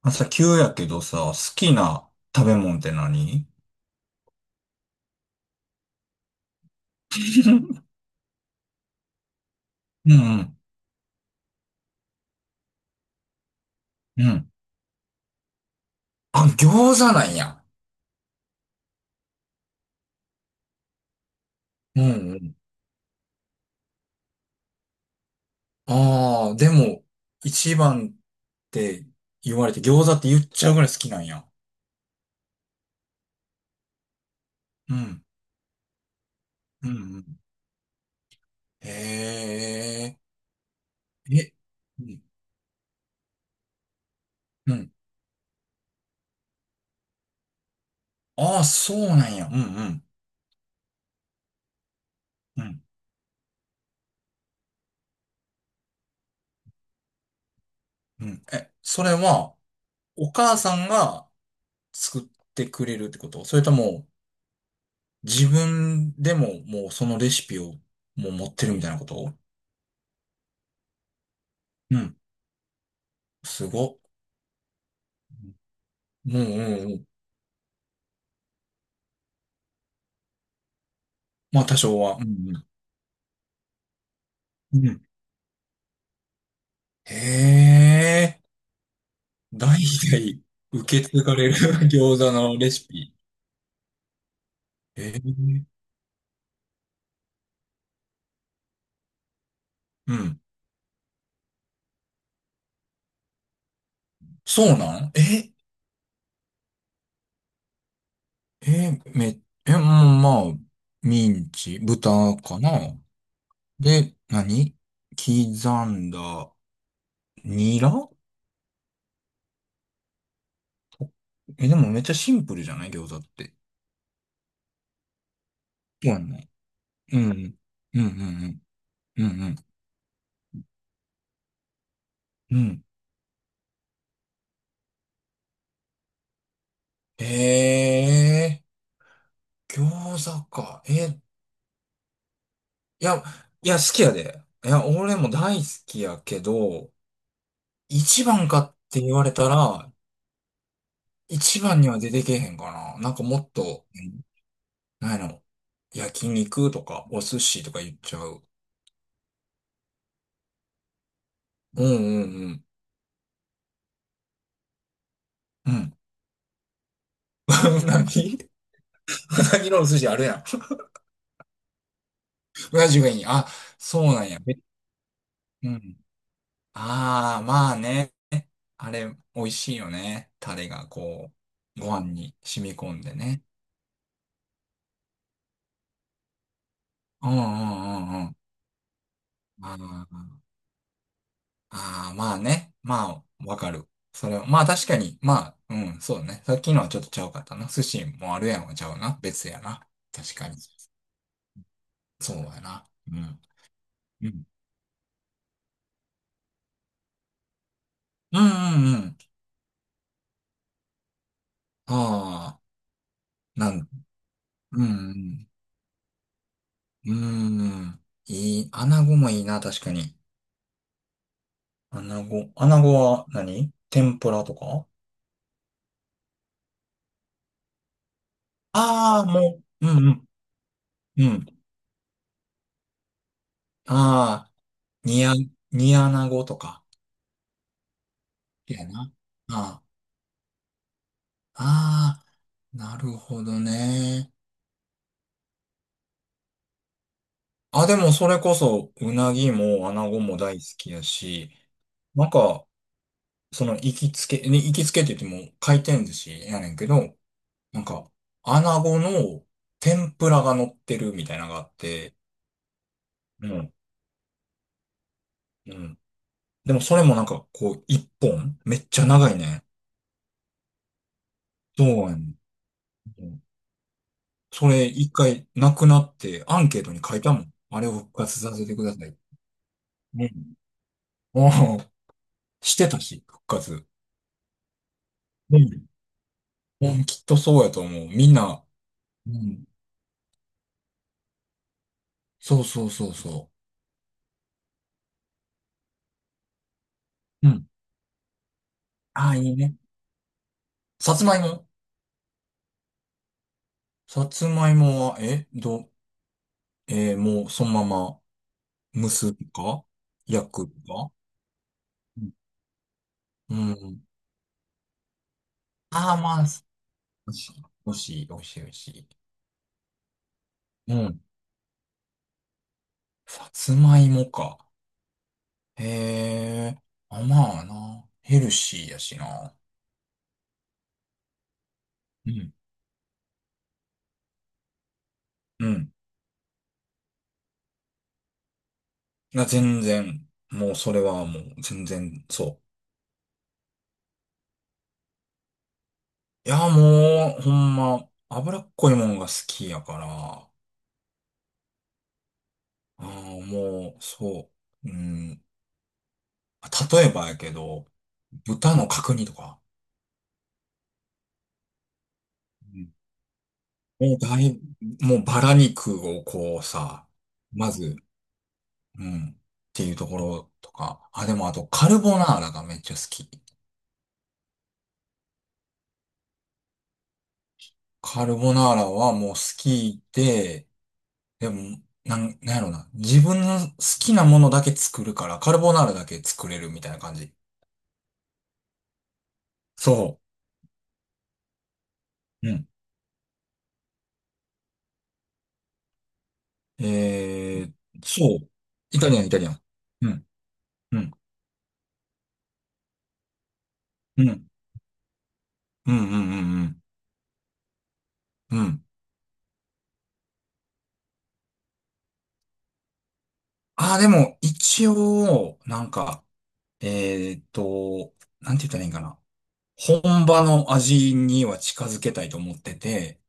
朝急やけどさ、好きな食べ物って何？ うんうん、うん。あ、餃子なんや。うんうん。ああ、でも、一番って言われて餃子って言っちゃうぐらい好きなんや。うん、うん、うん。へえ、え、うん、うん。ああ、そうなんや。うん、うん、うん、うん。え、それは、お母さんが作ってくれるってこと、それとも、自分でももうそのレシピをもう持ってるみたいなこと？うん。すごっ。うんうんうん。まあ多少は。うんうん。うん。へえ。代々受け継がれる 餃子のレシピ。ええ。うん。そうなん？ええ、うん、まあ、ミンチ、豚かな。で、何、刻んだ、ニラ。え、でもめっちゃシンプルじゃない？餃子って。そうやんな。うん。うんうんうん。うんうん。うん。ええー、餃子か。いや、いや、好きやで。いや、俺も大好きやけど、一番かって言われたら、一番には出てけへんかな。なんかもっと、うん、なんやろ。焼肉とか、お寿司とか言っちゃう。うんうんうん。うん。うなぎ、うなぎのお寿司あるやん。うな重がいい。あ、そうなんや。え、うん。ああ、まあね。あれ、美味しいよね。タレがこう、ご飯に染み込んでね。うんうんうんうん。あーまあね。まあ、わかる。それは、まあ確かに、まあ、うん、そうだね。さっきのはちょっとちゃうかったな。寿司もあるやんはちゃうな。別やな。確かに。そうやな。うん。うん。うんうんうん。ああ、なん、うんうん。うん。いい。穴子もいいな、確かに。アナゴ。アナゴは何、天ぷらとか？ああー、もう、うんうん、うん。ああ、煮あ、煮アナゴとか。いやな。ああ、ああ、なるほどね。あ、でもそれこそ、うなぎもアナゴも大好きやし、なんか、その行きつけ、ね行きつけって言っても回転寿司やねんけど、なんか、アナゴの天ぷらが乗ってるみたいなのがあって、うん。うん。でもそれもなんかこう、一本めっちゃ長いね。そうやねん。それ一回なくなってアンケートに書いたもん。あれを復活させてください。ね。もう、してたし、復活。うん。うんきっとそうやと思う。みんな、うん。そうそうそうそう。うん。ああ、いいね。さつまいも。さつまいもは、えー、もうそのまま蒸すとか焼くとか。うん。ああ、まあ、美味しい、美味しい、美味しい。うん。さつまいもか。へえ。あ、まあな。ヘルシーやしな。うん。うん。な、全然。もうそれはもう全然そう。いや、もう、ほんま、脂っこいもんが好きやから。あーもう、そう。うん。例えばやけど、豚の角煮とか。うん、もうだいもうバラ肉をこうさ、まず、うん。っていうところとか。あ、でもあとカルボナーラがめっちゃ好き。カルボナーラはもう好きで、でも、なんやろな。自分の好きなものだけ作るから、カルボナーラだけ作れるみたいな感じ。そう。うん。えー、そう。イタリアン、イタリアン。うん、うん、うん、うん、うん、うん。うん。ああー、でも、一応、なんか、えーっと、なんて言ったらいいんかな。本場の味には近づけたいと思ってて、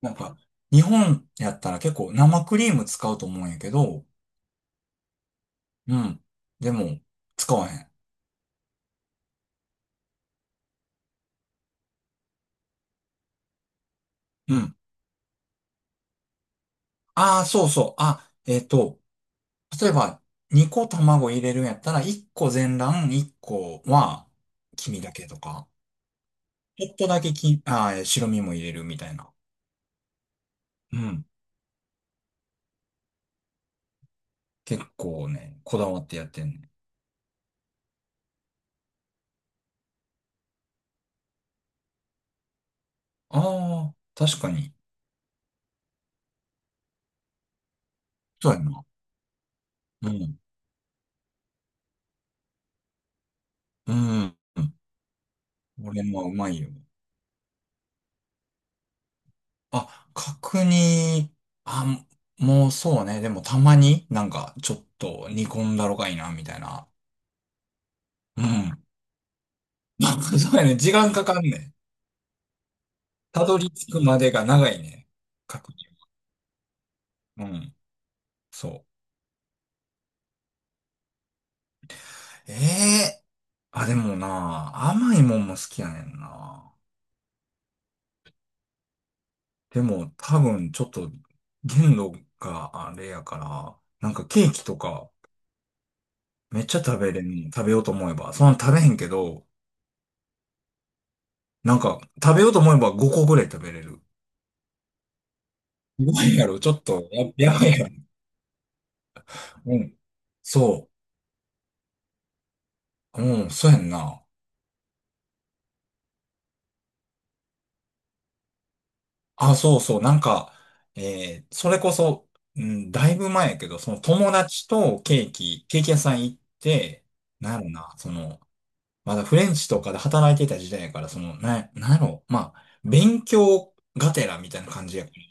なんか、日本やったら結構生クリーム使うと思うんやけど、うん。でも、使わへん。うん。ああ、そうそう。あ、例えば、2個卵入れるんやったら、1個全卵、1個は黄身だけとか、ちょっとだけき、あー、白身も入れるみたいな。うん。結構ね、こだわってやってんね。ああ、確かに。そうやな。うん。うん。うん、俺もうまいよ。あ、角煮、あ、もうそうね。でもたまになんかちょっと煮込んだろがいいな、みたいな。うん。なんか そうやね。時間かかんねん。たどり着くまでが長いね。確実。うん。そう。ええ、あ、でもな、甘いもんも好きやねんな。でも多分ちょっと限度があれやから、なんかケーキとかめっちゃ食べれん？食べようと思えば。そんな食べへんけど、なんか食べようと思えば5個ぐらい食べれる。すごいやろ。ちょっとや、やばいやろ。うん。そう。うん、そうやんな。あ、そうそう、なんか、それこそ、うん、だいぶ前やけど、その友達とケーキ、ケーキ屋さん行って、なんやろな、その、まだフレンチとかで働いてた時代やから、その、なんやろ、まあ、勉強がてらみたいな感じやから。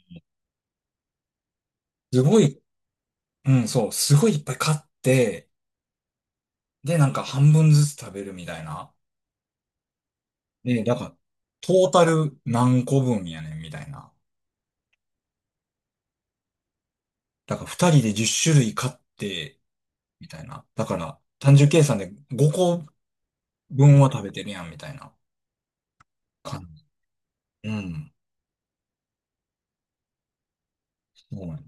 すごい、うん、そう、すごいいっぱい買って、で、なんか半分ずつ食べるみたいな。で、だから、トータル何個分やねんみたいな。だから二人で10種類買って、みたいな。だから、単純計算で5個分は食べてるやん、みたいな感じ。うん。そうやね、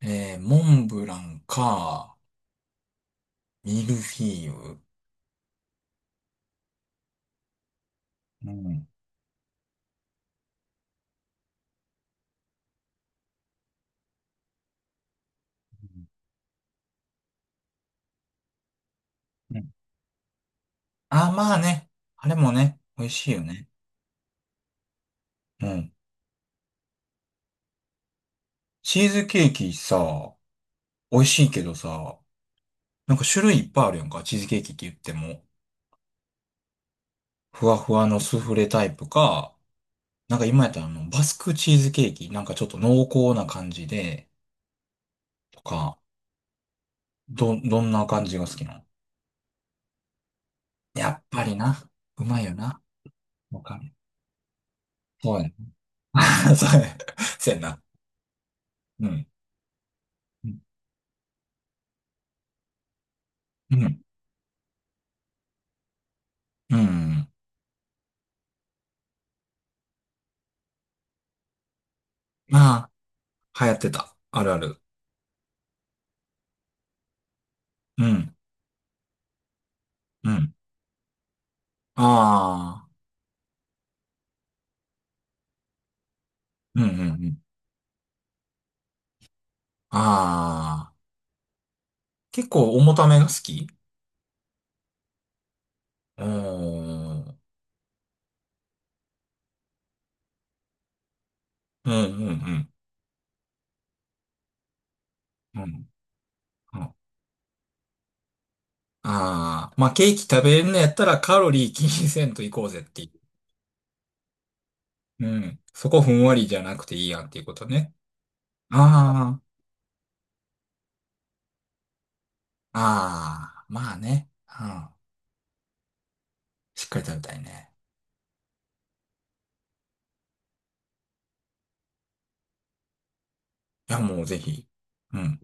モンブランか、ミルフィーユ。うん。うん、あ、まあね。あれもね、美味しいよね。うん。チーズケーキさ、美味しいけどさ、なんか種類いっぱいあるやんか、チーズケーキって言っても。ふわふわのスフレタイプか、なんか今やったらあの、バスクチーズケーキ、なんかちょっと濃厚な感じで、とか、どんな感じが好きなの？やっぱりな。うまいよな。わかる。そうやな。そうや。そうやな。うん。うん。うん。うん、まあ、流行ってた。あるある。うん。うん。ああ。うんうんうん。ああ。結構重ためが好き？うーん。うんうんうん。うん。ああー。まあ、ケーキ食べれんのやったらカロリー気にせんといこうぜっていう。うん。そこふんわりじゃなくていいやんっていうことね。ああ。ああ、まあね。うん。しっかり食べたいね。いや、もうぜひ。うん。